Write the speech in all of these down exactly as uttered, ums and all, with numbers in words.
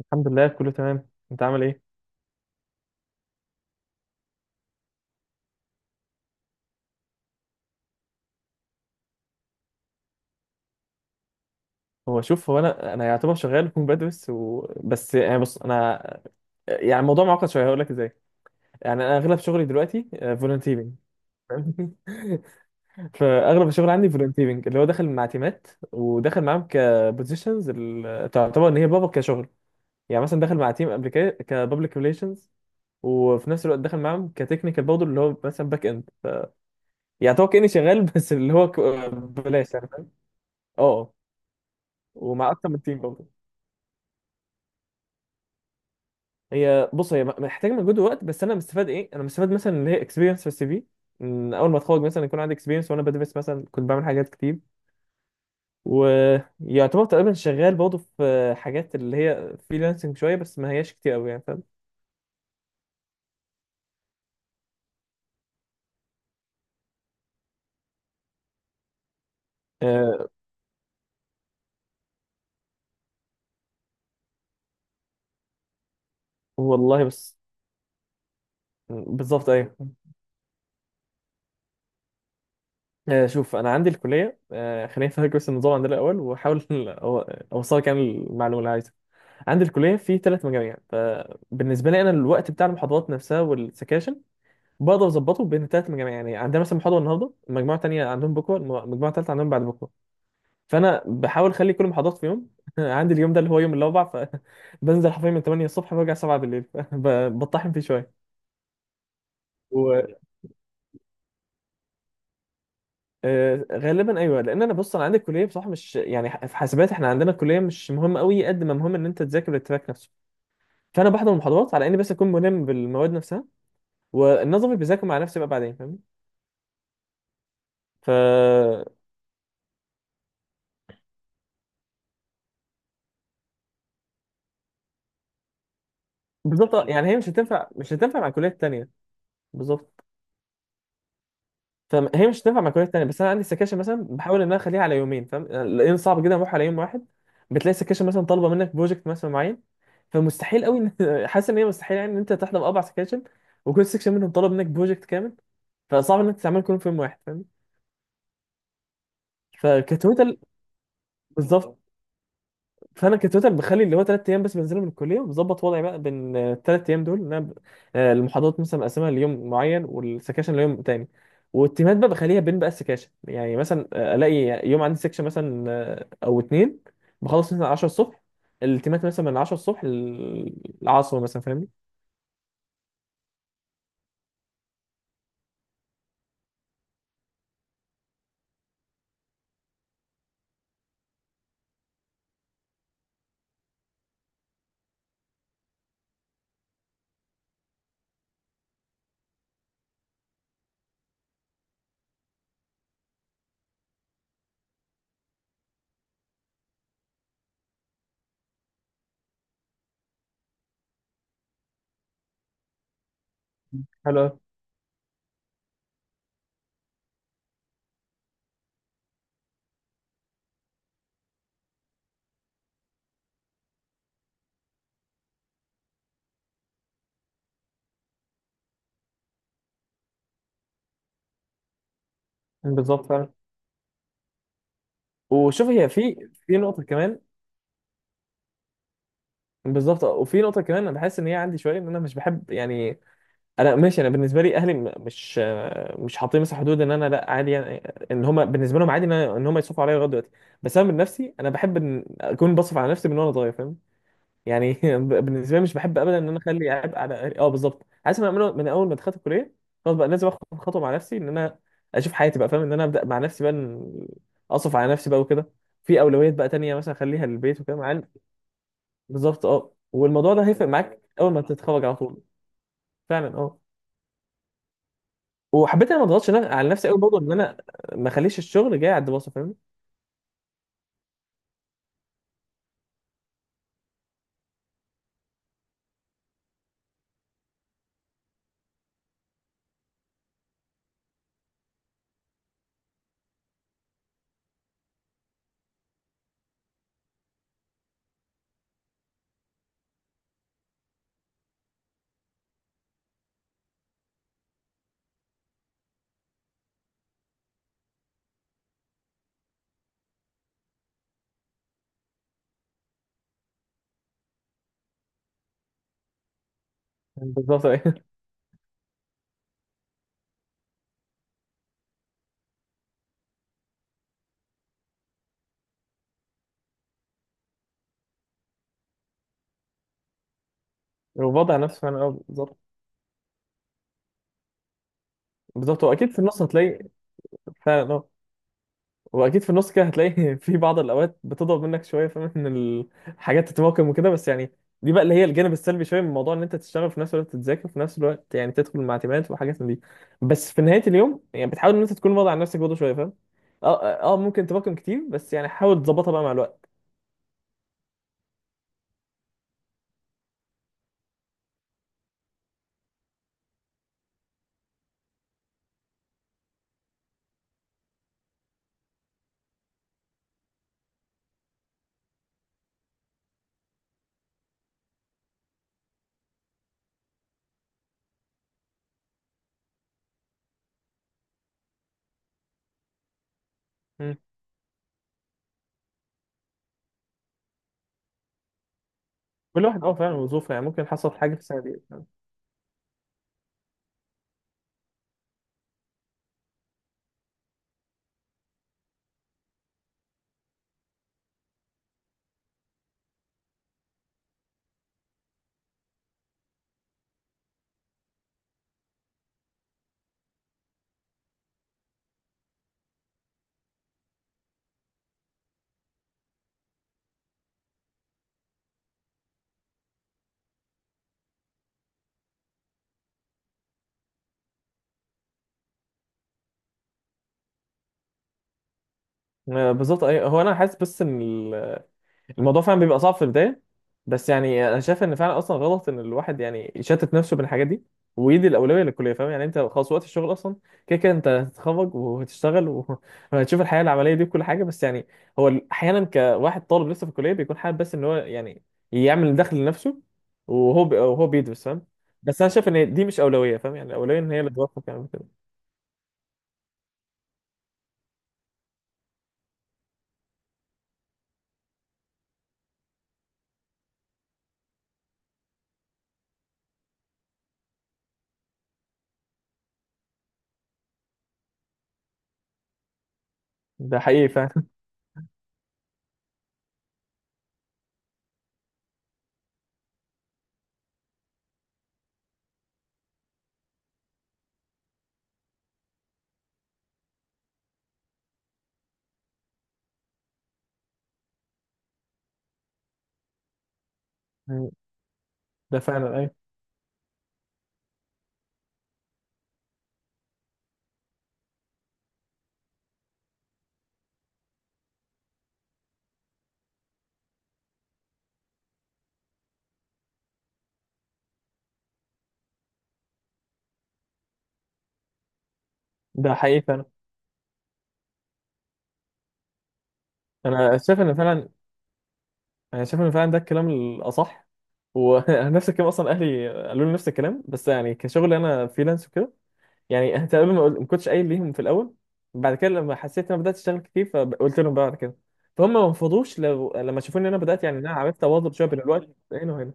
الحمد لله كله تمام، انت عامل ايه؟ هو شوف هو انا انا يعتبر شغال كون بدرس و... بس يعني بص انا يعني الموضوع معقد شويه، هقول لك ازاي. يعني انا اغلب شغلي دلوقتي فولنتيرنج. فاهم؟ فاغلب الشغل عندي فولنتيرنج، اللي هو داخل مع تيمات وداخل معاهم كبوزيشنز. تعتبر ان هي بابا كشغل. يعني مثلا داخل مع تيم كا كبابليك ريليشنز، وفي نفس الوقت داخل معاهم كتكنيكال برضه اللي هو مثلا باك اند. يعني هو كاني شغال بس اللي هو ك- بلاش، يعني فاهم؟ اه آه. ومع اكتر من تيم برضه. هي بص هي محتاجه مجهود ووقت، بس انا مستفاد ايه؟ انا مستفاد مثلا اللي هي اكسبيرينس في السي في. إن اول ما اتخرج مثلا يكون عندي اكسبيرينس، وانا بدرس مثلا كنت بعمل حاجات كتير. ويعتبر تقريبا شغال برضه في حاجات اللي هي فريلانسنج شويه، بس ما هياش كتير قوي يعني، فاهم؟ أه. والله بس. بالظبط ايوه. أه شوف انا عندي الكليه، أه خليني افهمك بس النظام عندنا الاول، واحاول أو- اوصلك يعني المعلومه اللي عايزها. عندي الكليه في ثلاث مجاميع، فبالنسبه لي انا الوقت بتاع المحاضرات نفسها والسكاشن بقدر اظبطه بين الثلاث مجاميع. يعني عندنا مثلا محاضره النهارده، المجموعه الثانيه عندهم بكره، الم- المجموعه الثالثه عندهم بعد بكره. فانا بحاول اخلي كل المحاضرات في يوم. عندي اليوم ده اللي هو يوم الاربع، فبنزل حرفيا من تمانية الصبح برجع سبعة بالليل بطحن فيه شويه. وغالبا ايوه، لان انا بص انا عندي الكليه بصراحه مش يعني ح- في حاسبات احنا عندنا الكليه مش مهمه قوي قد ما مهم ان انت تذاكر التراك نفسه. فانا بحضر المحاضرات على اني بس اكون ملم بالمواد نفسها، والنظري بذاكر مع نفسي بقى بعدين، فاهمني؟ ف بالظبط آه، يعني هي مش هتنفع، مش هتنفع مع الكليات التانيه. بالظبط. فهي مش هتنفع مع كليات تانية، بس انا عندي سكاشن مثلا بحاول ان انا اخليها على يومين فاهم، لان صعب جدا اروح على يوم واحد. بتلاقي سكاشن مثلا طالبه منك بروجكت مثلا معين، فمستحيل قوي ان حاسس ان هي مستحيل يعني ان انت تحضر اربع سكاشن وكل سكشن منهم طالب منك بروجكت كامل. فصعب انك تعمل كلهم في يوم واحد، فاهم؟ فكتوتال، بالظبط. فانا كتوتال بخلي اللي هو ثلاث ايام بس بنزلهم من الكليه، وبظبط وضعي بقى بين الثلاث ايام دول ان انا ب- آه، المحاضرات مثلا مقسمها ليوم معين والسكاشن ليوم تاني، والتيمات بقى بخليها بين بقى السكاشن. يعني مثلا آه، الاقي يوم عندي سكشن مثلا آه، او اتنين، بخلص مثلا عشرة الصبح، التيمات مثلا من عشرة الصبح للعصر مثلا، فاهمني؟ حلو أوي. بالظبط فعلا. وشوف هي في في نقطه كمان. بالظبط، وفي نقطه كمان انا بحس ان هي عندي شويه ان انا مش بحب يعني، انا ماشي انا بالنسبه لي اهلي م- مش، مش حاطين مثلا حدود ان انا لا عادي يعني، ان هم بالنسبه لهم عادي ان أنا- ان هم يصرفوا عليا لغايه دلوقتي. بس انا من نفسي انا بحب ان اكون بصرف على نفسي من وانا صغير، فاهم؟ يعني ب- بالنسبه لي مش بحب ابدا ان انا اخلي عبء على أهلي. اه بالظبط، عايز انا اعمله من اول ما دخلت الكليه. خلاص بقى لازم اخد خطوه مع نفسي ان انا اشوف حياتي بقى، فاهم؟ ان انا ابدا مع نفسي بقى، إن اصرف على نفسي بقى وكده. في اولويات بقى تانيه مثلا اخليها للبيت وكده، مع إن- بالظبط اه. والموضوع ده هيفرق معاك اول ما تتخرج على طول. فعلا اه. وحبيت انا ما اضغطش نا- على نفسي قوي برضه ان انا ما اخليش الشغل جاي على الدراسه، فاهم؟ بالظبط ايه وبضع نفسي فعلا، اه بالظبط. بالظبط، واكيد في النص هتلاقي. فعلا اه. واكيد في النص كده هتلاقي في بعض الاوقات بتضرب منك شويه، فاهم؟ ان الحاجات تتراكم وكده بس يعني، دي بقى اللي هي الجانب السلبي شويه من موضوع ان انت تشتغل في نفس الوقت تذاكر في نفس الوقت، يعني تدخل مع تيمات وحاجات من دي. بس في نهايه اليوم يعني بتحاول ان انت تكون واضع على نفسك برضه شويه، فاهم؟ اه اه آه، ممكن تراكم كتير بس يعني حاول تظبطها بقى مع الوقت. مم. كل واحد اه فعلا وظروفه، يعني ممكن حصل حاجه في السنه دي. آه، بالظبط ايوه. هو انا حاسس بس ان ال- الموضوع فعلا بيبقى صعب في البدايه. بس يعني انا شايف ان فعلا اصلا غلط ان الواحد يعني يشتت نفسه بين الحاجات دي ويدي الاولويه للكليه، فاهم؟ يعني انت خلاص وقت الشغل اصلا كده كده انت هتتخرج وهتشتغل و- وهتشوف الحياه العمليه دي وكل حاجه. بس يعني هو ال- احيانا كواحد طالب لسه في الكليه بيكون حابب بس ان هو يعني يعمل دخل لنفسه، وهو بي... وهو بيدرس، فاهم؟ بس انا شايف ان دي مش اولويه، فاهم؟ يعني الاولويه ان هي اللي توفق يعني كده. ده حقيقي فعلا. ده فعلا ايوه. ده حقيقي فعلا. انا شايف ان فعلا انا شايف ان فعلا ده الكلام الاصح. ونفس الكلام اصلا اهلي قالوا لي نفس الكلام، بس يعني كشغل انا فريلانس وكده. يعني انت قبل ما قل- ما كنتش قايل ليهم في الاول، بعد كده لما حسيت ان انا بدات اشتغل كتير فقلت لهم بقى بعد كده. فهم ما انفضوش لو لما شافوني ان انا بدات يعني إن انا عرفت اواظب شويه بين الوقت هنا وهنا.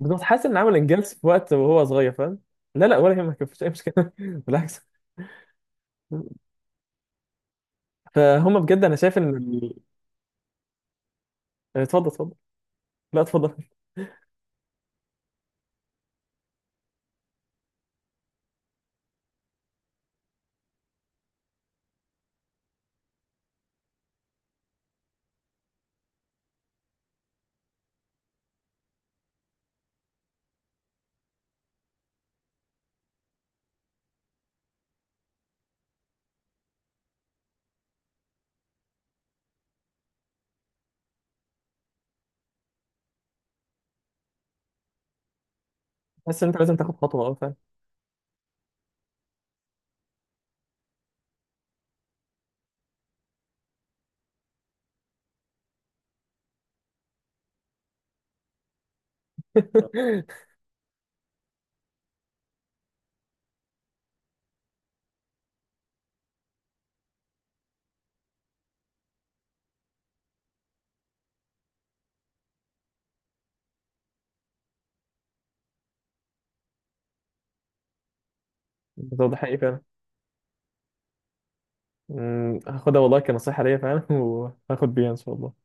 بالظبط، حاسس ان عامل انجاز في وقت وهو صغير، فاهم؟ لا لا، ولا يهمك مفيش اي مشكله بالعكس. فهم بجد انا شايف ان ال- إيه، اتفضل اتفضل. لا اتفضل. حاسس ان انت لازم تاخد خطوه، اه فاهم. بالظبط، ده حقيقي فعلا. مم، هاخدها والله كنصيحة ليا فعلا وهاخد بيها إن شاء الله.